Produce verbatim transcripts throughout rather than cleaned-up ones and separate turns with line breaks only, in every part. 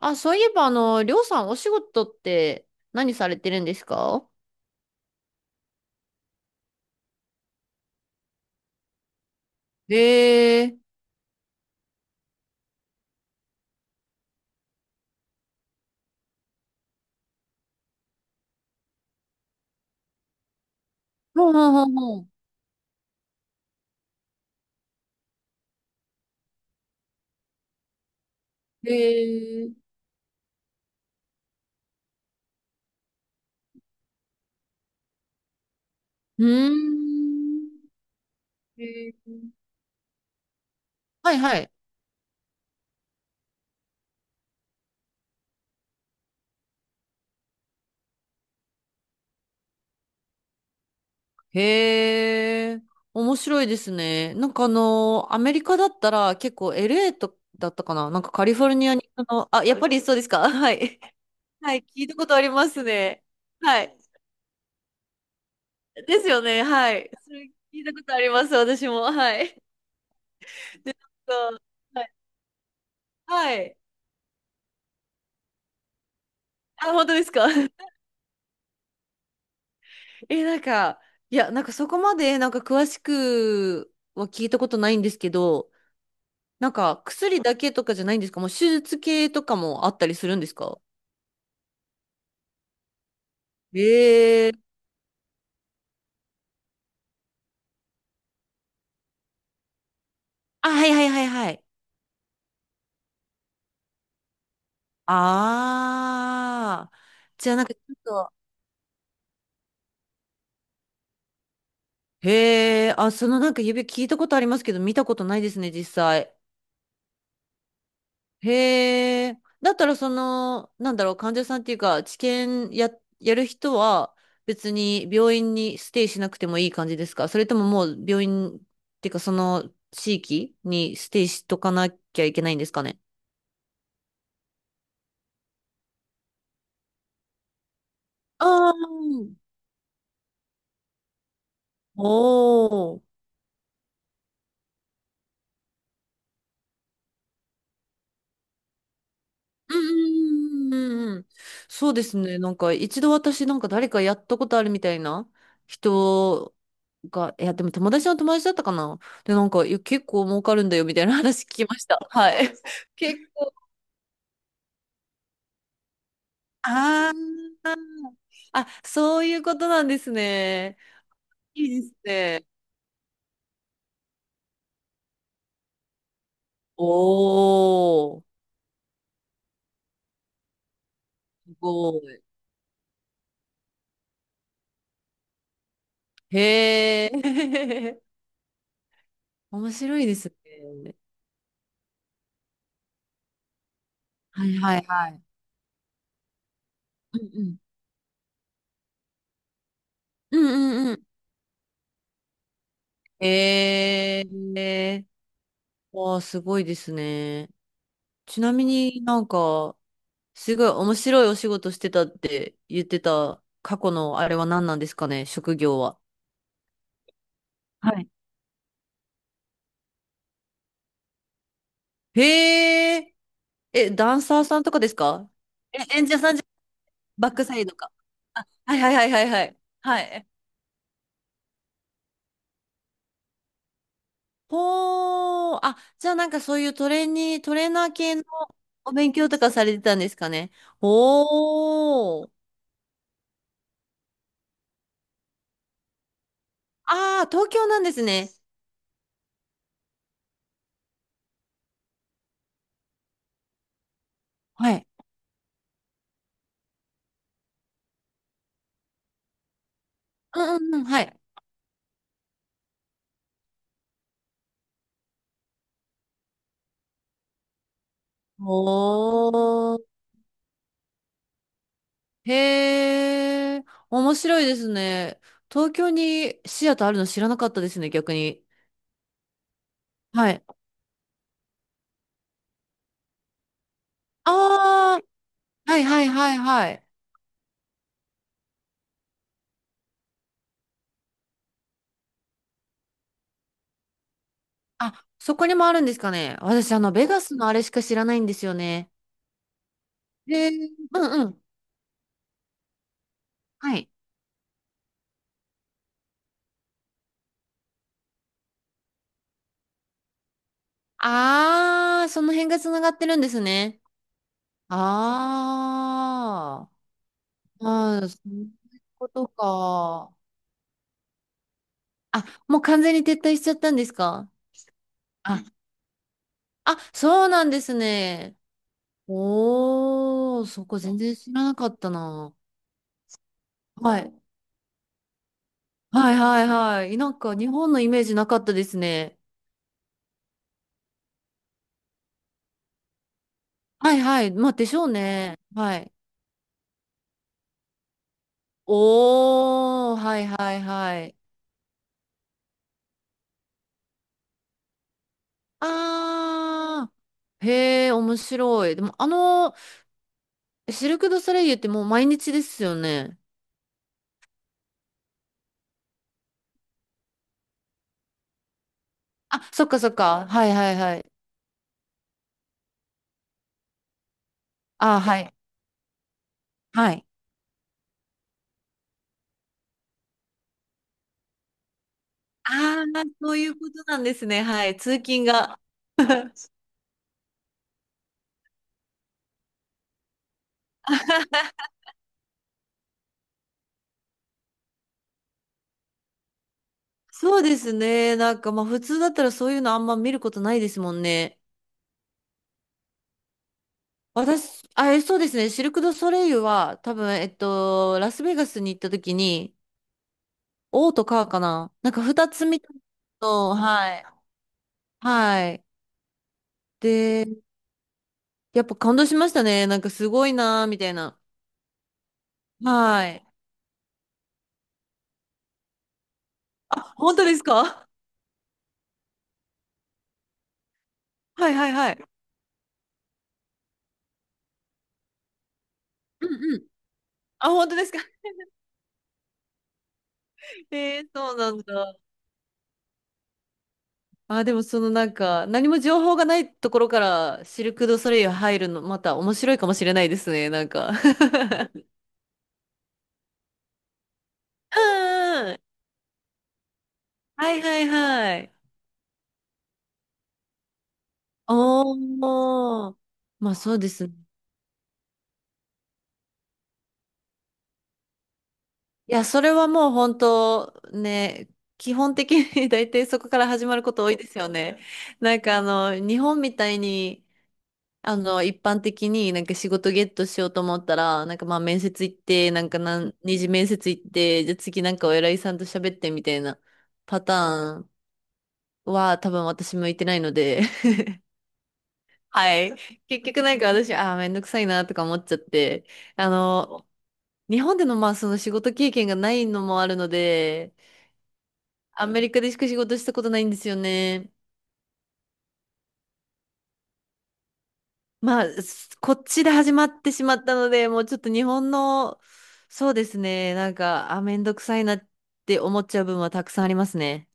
あ、そういえば、あの、りょうさん、お仕事って何されてるんですか？へえ。ほうほうほうほう。へえ。うーん。へえ。はいはい。へえ。面白いですね。なんかあのー、アメリカだったら結構 エルエー とだったかな、なんかカリフォルニアに、あの、あ、やっぱりそうですか？ はい。はい、聞いたことありますね。はい。ですよね、はい。それ聞いたことあります、私も。はい。で、なんか、はい。はい。あ、本当ですか？ え、なんか、いや、なんかそこまで、なんか詳しくは聞いたことないんですけど、なんか薬だけとかじゃないんですか？もう手術系とかもあったりするんですか？ええー。あ、はいはいはいはい。ああ。じゃあなんかちょっと、へえ、あそのなんか指聞いたことありますけど、見たことないですね、実際。へえ。だったらその、なんだろう、患者さんっていうか、治験や、やる人は別に病院にステイしなくてもいい感じですか？それとももう病院っていうかその地域にステイしとかなきゃいけないんですかね？ああー。おお。うんうんうんうんうん。そうですね。なんか一度私なんか誰かやったことあるみたいな人が、いやでも友達の友達だったかな。で、なんかいや結構儲かるんだよみたいな 話聞きました。はい。結構、あー、あ、そういうことなんですね。いいですね。おー。すごい。へえ。面白いですね。はいはいはい。うんうん。うんうんうん。ええ。わあ、すごいですね。ちなみになんか、すごい面白いお仕事してたって言ってた過去のあれは何なんですかね、職業は。はい。へえ。え、ダンサーさんとかですか？え、演者さんじゃ、バックサイドか。はいはいはいはいはい。はい。ほー、あ、じゃあなんかそういうトレーニー、トレーナー系のお勉強とかされてたんですかね。ほー。ああ、東京なんですね。はい。うんうんうん、はい。おー。へえ、面白いですね。東京にシアターあるの知らなかったですね、逆に。はい。あー、はいはいはいはい。あ、そこにもあるんですかね。私、あの、ベガスのあれしか知らないんですよね。へー。うんうん。はい。あー、その辺が繋がってるんですね。ああ。あー、そういうことか。あ、もう完全に撤退しちゃったんですか？あ、あ、そうなんですね。おー、そこ全然知らなかったな。はい。はいはいはい。なんか日本のイメージなかったですね。はいはい。まあでしょうね。はい。おー、はいはいはい。あー、へー、面白い。でもあの、シルク・ドゥ・ソレイユってもう毎日ですよね。あ、そっかそっか。はいはいはい。あー、はい。はい。ああ、そういうことなんですね。はい。通勤が。そうですね。なんかまあ普通だったらそういうのあんま見ることないですもんね。私、あ、え、そうですね。シルク・ドゥ・ソレイユは多分、えっと、ラスベガスに行った時に、王とカーかな。なんか二つ見たの、はい。はい。で、やっぱ感動しましたね。なんかすごいなーみたいな。はい。あ、本当ですか？ はいはいはい。うんうん。あ、本当ですか？ えー、そうなんだ。あ、でもそのなんか、何も情報がないところからシルク・ドゥ・ソレイユ入るの、また面白いかもしれないですね、なんか。うん。はいはいはい。おー。まあそうですね。いや、それはもう本当ね、基本的に 大体そこから始まること多いですよね。なんかあの、日本みたいにあの、一般的になんか仕事ゲットしようと思ったら、なんかまあ面接行って、なんか何、二次面接行って、じゃあ次なんかお偉いさんと喋ってみたいなパターンは多分私向いてないので、はい。結局なんか私、ああ、めんどくさいなとか思っちゃって、あの、日本でのまあその仕事経験がないのもあるので、アメリカでしか仕事したことないんですよね。まあ、すこっちで始まってしまったので、もうちょっと日本の、そうですね、なんか、あ、めんどくさいなって思っちゃう部分はたくさんありますね。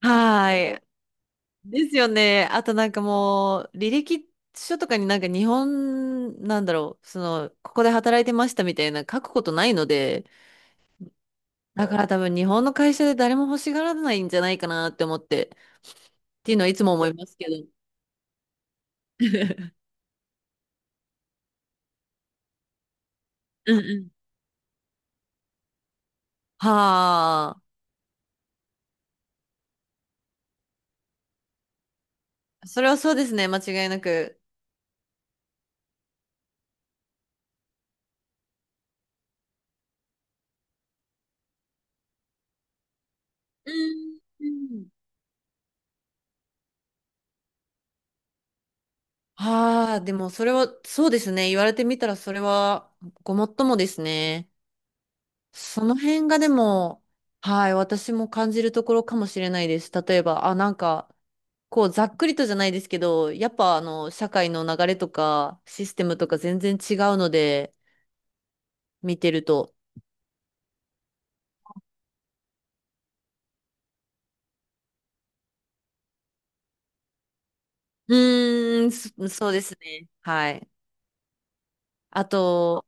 はーい。ですよね。あとなんかもう、履歴書とかになんか日本、なんだろう、その、ここで働いてましたみたいな書くことないので、だから多分日本の会社で誰も欲しがらないんじゃないかなって思って、っていうのはいつも思いますけど。うんうん。はあ。それはそうですね、間違いなく。うん。うん。ああ、でもそれは、そうですね。言われてみたらそれはごもっともですね。その辺がでも、はい、私も感じるところかもしれないです。例えば、あ、なんか、こう、ざっくりとじゃないですけど、やっぱあの、社会の流れとか、システムとか全然違うので、見てると。うーん、そ、そうですね。はい。あと、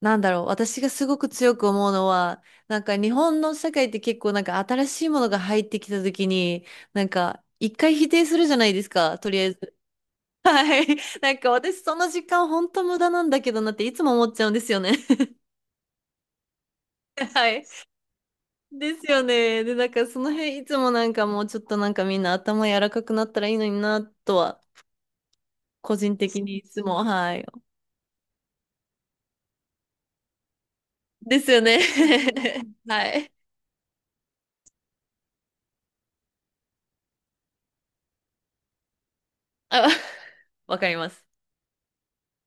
なんだろう、私がすごく強く思うのは、なんか日本の社会って結構なんか新しいものが入ってきた時に、なんか一回否定するじゃないですか、とりあえず。はい。なんか私その時間本当無駄なんだけどなっていつも思っちゃうんですよね。はい。ですよね。で、なんかその辺いつもなんかもうちょっとなんかみんな頭柔らかくなったらいいのになとは、個人的にいつも、はい。ですよね。はい。あ、わかります。